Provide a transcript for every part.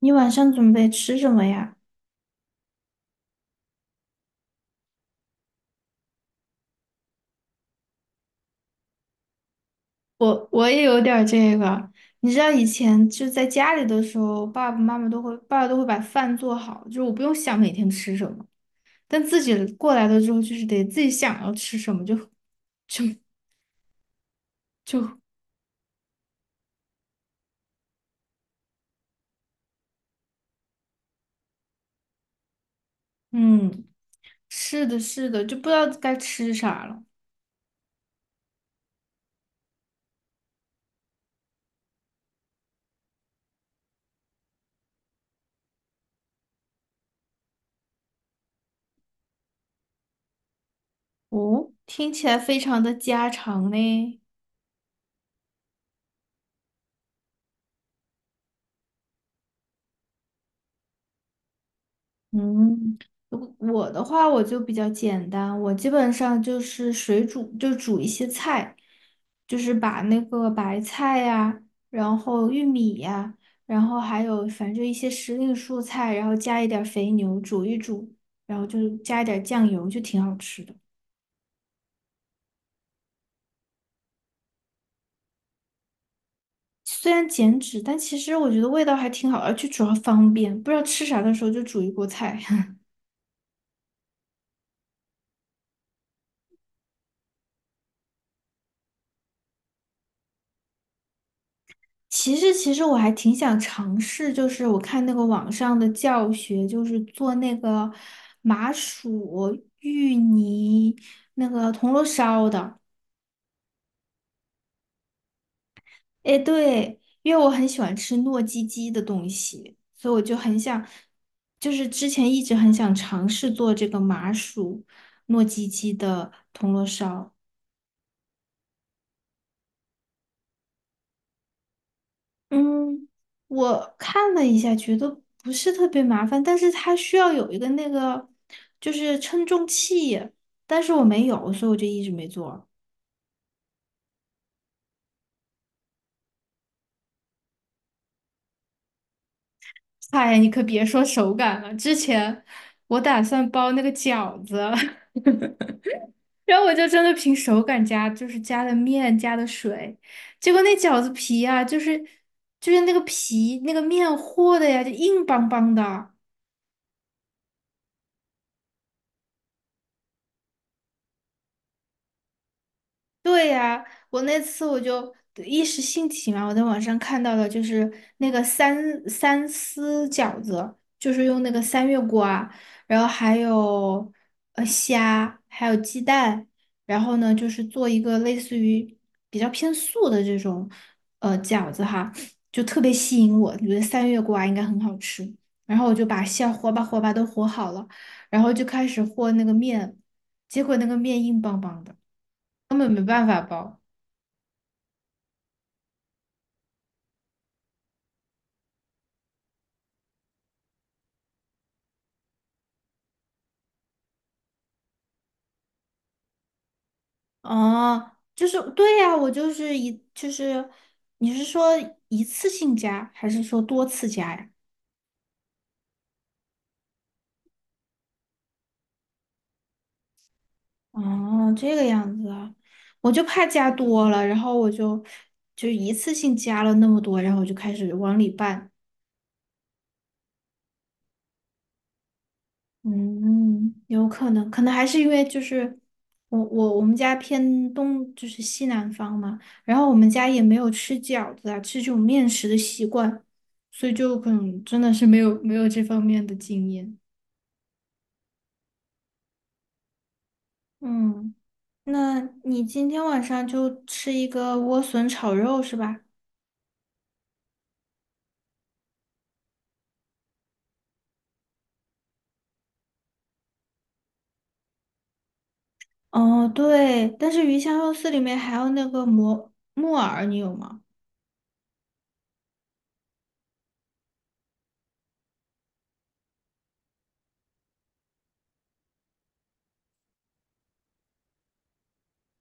你晚上准备吃什么呀？我也有点儿这个，你知道以前就在家里的时候，爸爸都会把饭做好，就是我不用想每天吃什么。但自己过来了之后，就是得自己想要吃什么，就就就嗯，是的，是的，就不知道该吃啥了。哦，听起来非常的家常呢。嗯，如我的话我就比较简单，我基本上就是水煮，就煮一些菜，就是把那个白菜呀，然后玉米呀，然后还有反正一些时令蔬菜，然后加一点儿肥牛煮一煮，然后就是加一点儿酱油，就挺好吃的。虽然减脂，但其实我觉得味道还挺好，而且主要方便，不知道吃啥的时候就煮一锅菜。其实我还挺想尝试，就是我看那个网上的教学，就是做那个麻薯芋泥那个铜锣烧的。哎，对，因为我很喜欢吃糯叽叽的东西，所以我就很想，就是之前一直很想尝试做这个麻薯糯叽叽的铜锣烧。嗯，我看了一下，觉得不是特别麻烦，但是它需要有一个就是称重器，但是我没有，所以我就一直没做。哎呀，你可别说手感了，之前我打算包那个饺子，然后我就真的凭手感加，就是加的面加的水，结果那饺子皮啊，就是那个皮那个面和的呀，就硬邦邦的。对呀，我那次我就一时兴起嘛，我在网上看到了，就是那个三丝饺子，就是用那个三月瓜，然后还有虾，还有鸡蛋，然后呢就是做一个类似于比较偏素的这种饺子哈，就特别吸引我，觉得三月瓜应该很好吃，然后我就把馅和吧和吧都和好了，然后就开始和那个面，结果那个面硬邦邦的。根本没办法包。哦，就是对呀，我就是一就是，你是说一次性加还是说多次加呀？哦，这个样子啊，我就怕加多了，然后我就一次性加了那么多，然后我就开始往里拌。嗯，有可能，可能还是因为就是我们家偏东，就是西南方嘛，然后我们家也没有吃饺子啊，吃这种面食的习惯，所以就可能真的是没有这方面的经验。嗯，那你今天晚上就吃一个莴笋炒肉是吧？哦，对，但是鱼香肉丝里面还有那个蘑木耳，你有吗？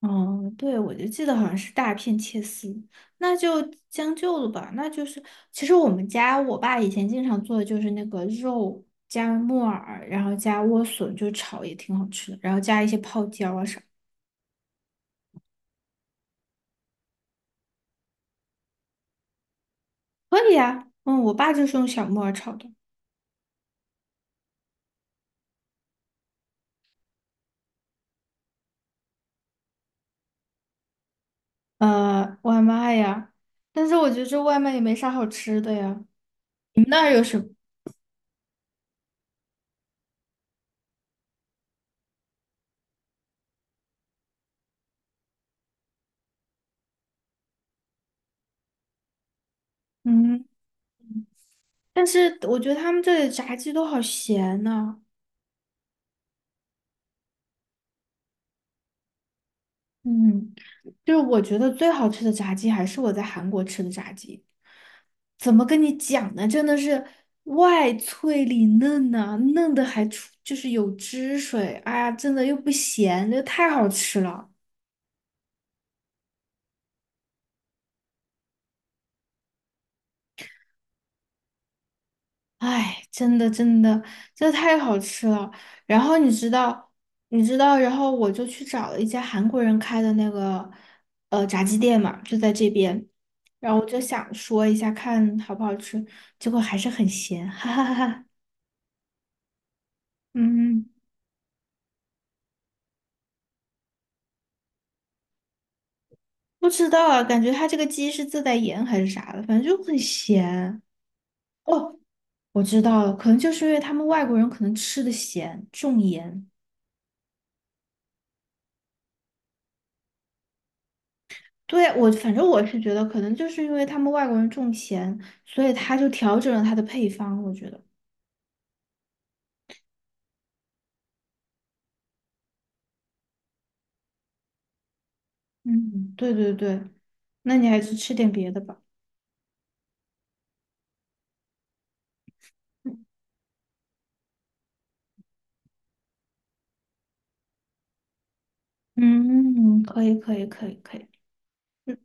哦，对，我就记得好像是大片切丝，那就将就了吧。那就是，其实我们家我爸以前经常做的就是那个肉加木耳，然后加莴笋，就炒也挺好吃的，然后加一些泡椒啊啥，可以啊。嗯，我爸就是用小木耳炒的。呃，外卖呀，但是我觉得这外卖也没啥好吃的呀。你们那儿有什么？嗯，但是我觉得他们这里炸鸡都好咸呐、嗯。就是我觉得最好吃的炸鸡还是我在韩国吃的炸鸡，怎么跟你讲呢？真的是外脆里嫩呐、嫩的还出就是有汁水，哎呀，真的又不咸，这太好吃了，哎，真的太好吃了。然后你知道，然后我就去找了一家韩国人开的那个炸鸡店嘛，就在这边，然后我就想说一下看好不好吃，结果还是很咸，哈哈，嗯。不知道啊，感觉它这个鸡是自带盐还是啥的，反正就很咸。哦，我知道了，可能就是因为他们外国人可能吃的咸，重盐。对，我反正我是觉得，可能就是因为他们外国人重咸，所以他就调整了他的配方。我觉得，嗯，对对对，那你还是吃点别的吧。嗯，可以可以可以可以，嗯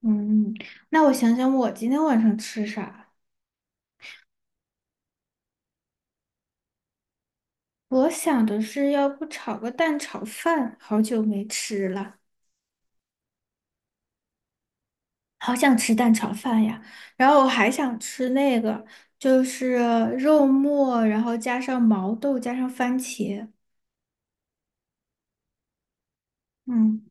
嗯，那我想想，我今天晚上吃啥？我想的是，要不炒个蛋炒饭，好久没吃了。好想吃蛋炒饭呀，然后我还想吃那个，就是肉末，然后加上毛豆，加上番茄。嗯，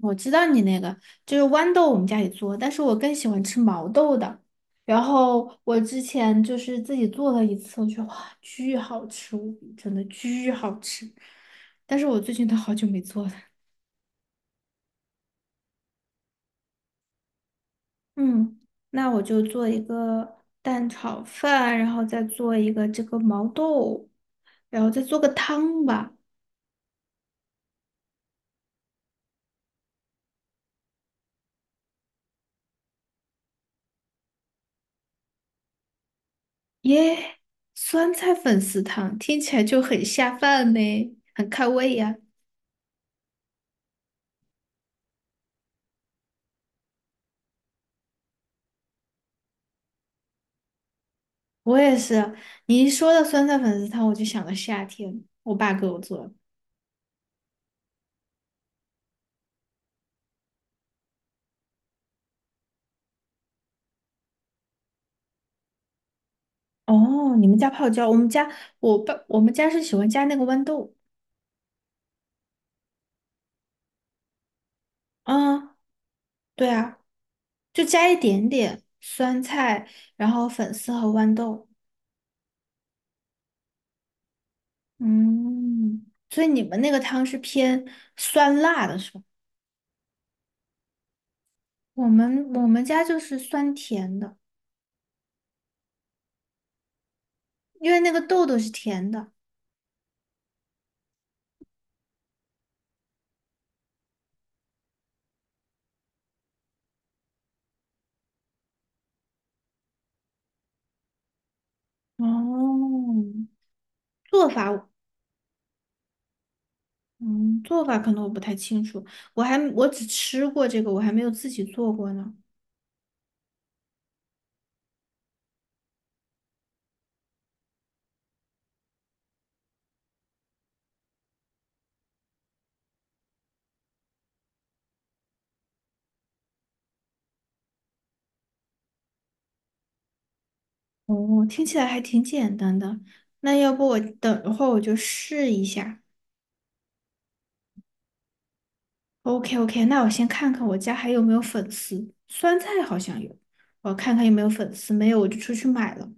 我知道你那个就是豌豆，我们家也做，但是我更喜欢吃毛豆的。然后我之前就是自己做了一次，我觉得哇，巨好吃无比，真的巨好吃。但是我最近都好久没做了。嗯，那我就做一个蛋炒饭，然后再做一个这个毛豆，然后再做个汤吧。耶，酸菜粉丝汤听起来就很下饭呢，很开胃呀。我也是，你一说到酸菜粉丝汤，我就想到夏天，我爸给我做的。哦，你们家泡椒，我们家我爸我们家是喜欢加那个豌豆。嗯，对啊，就加一点点酸菜，然后粉丝和豌豆。嗯，所以你们那个汤是偏酸辣的是吧？我们家就是酸甜的，因为那个豆豆是甜的。哦，做法我嗯，做法可能我不太清楚，我只吃过这个，我还没有自己做过呢。哦，听起来还挺简单的。那要不我等一会儿我就试一下。OK OK，那我先看看我家还有没有粉丝，酸菜好像有，我看看有没有粉丝，没有我就出去买了。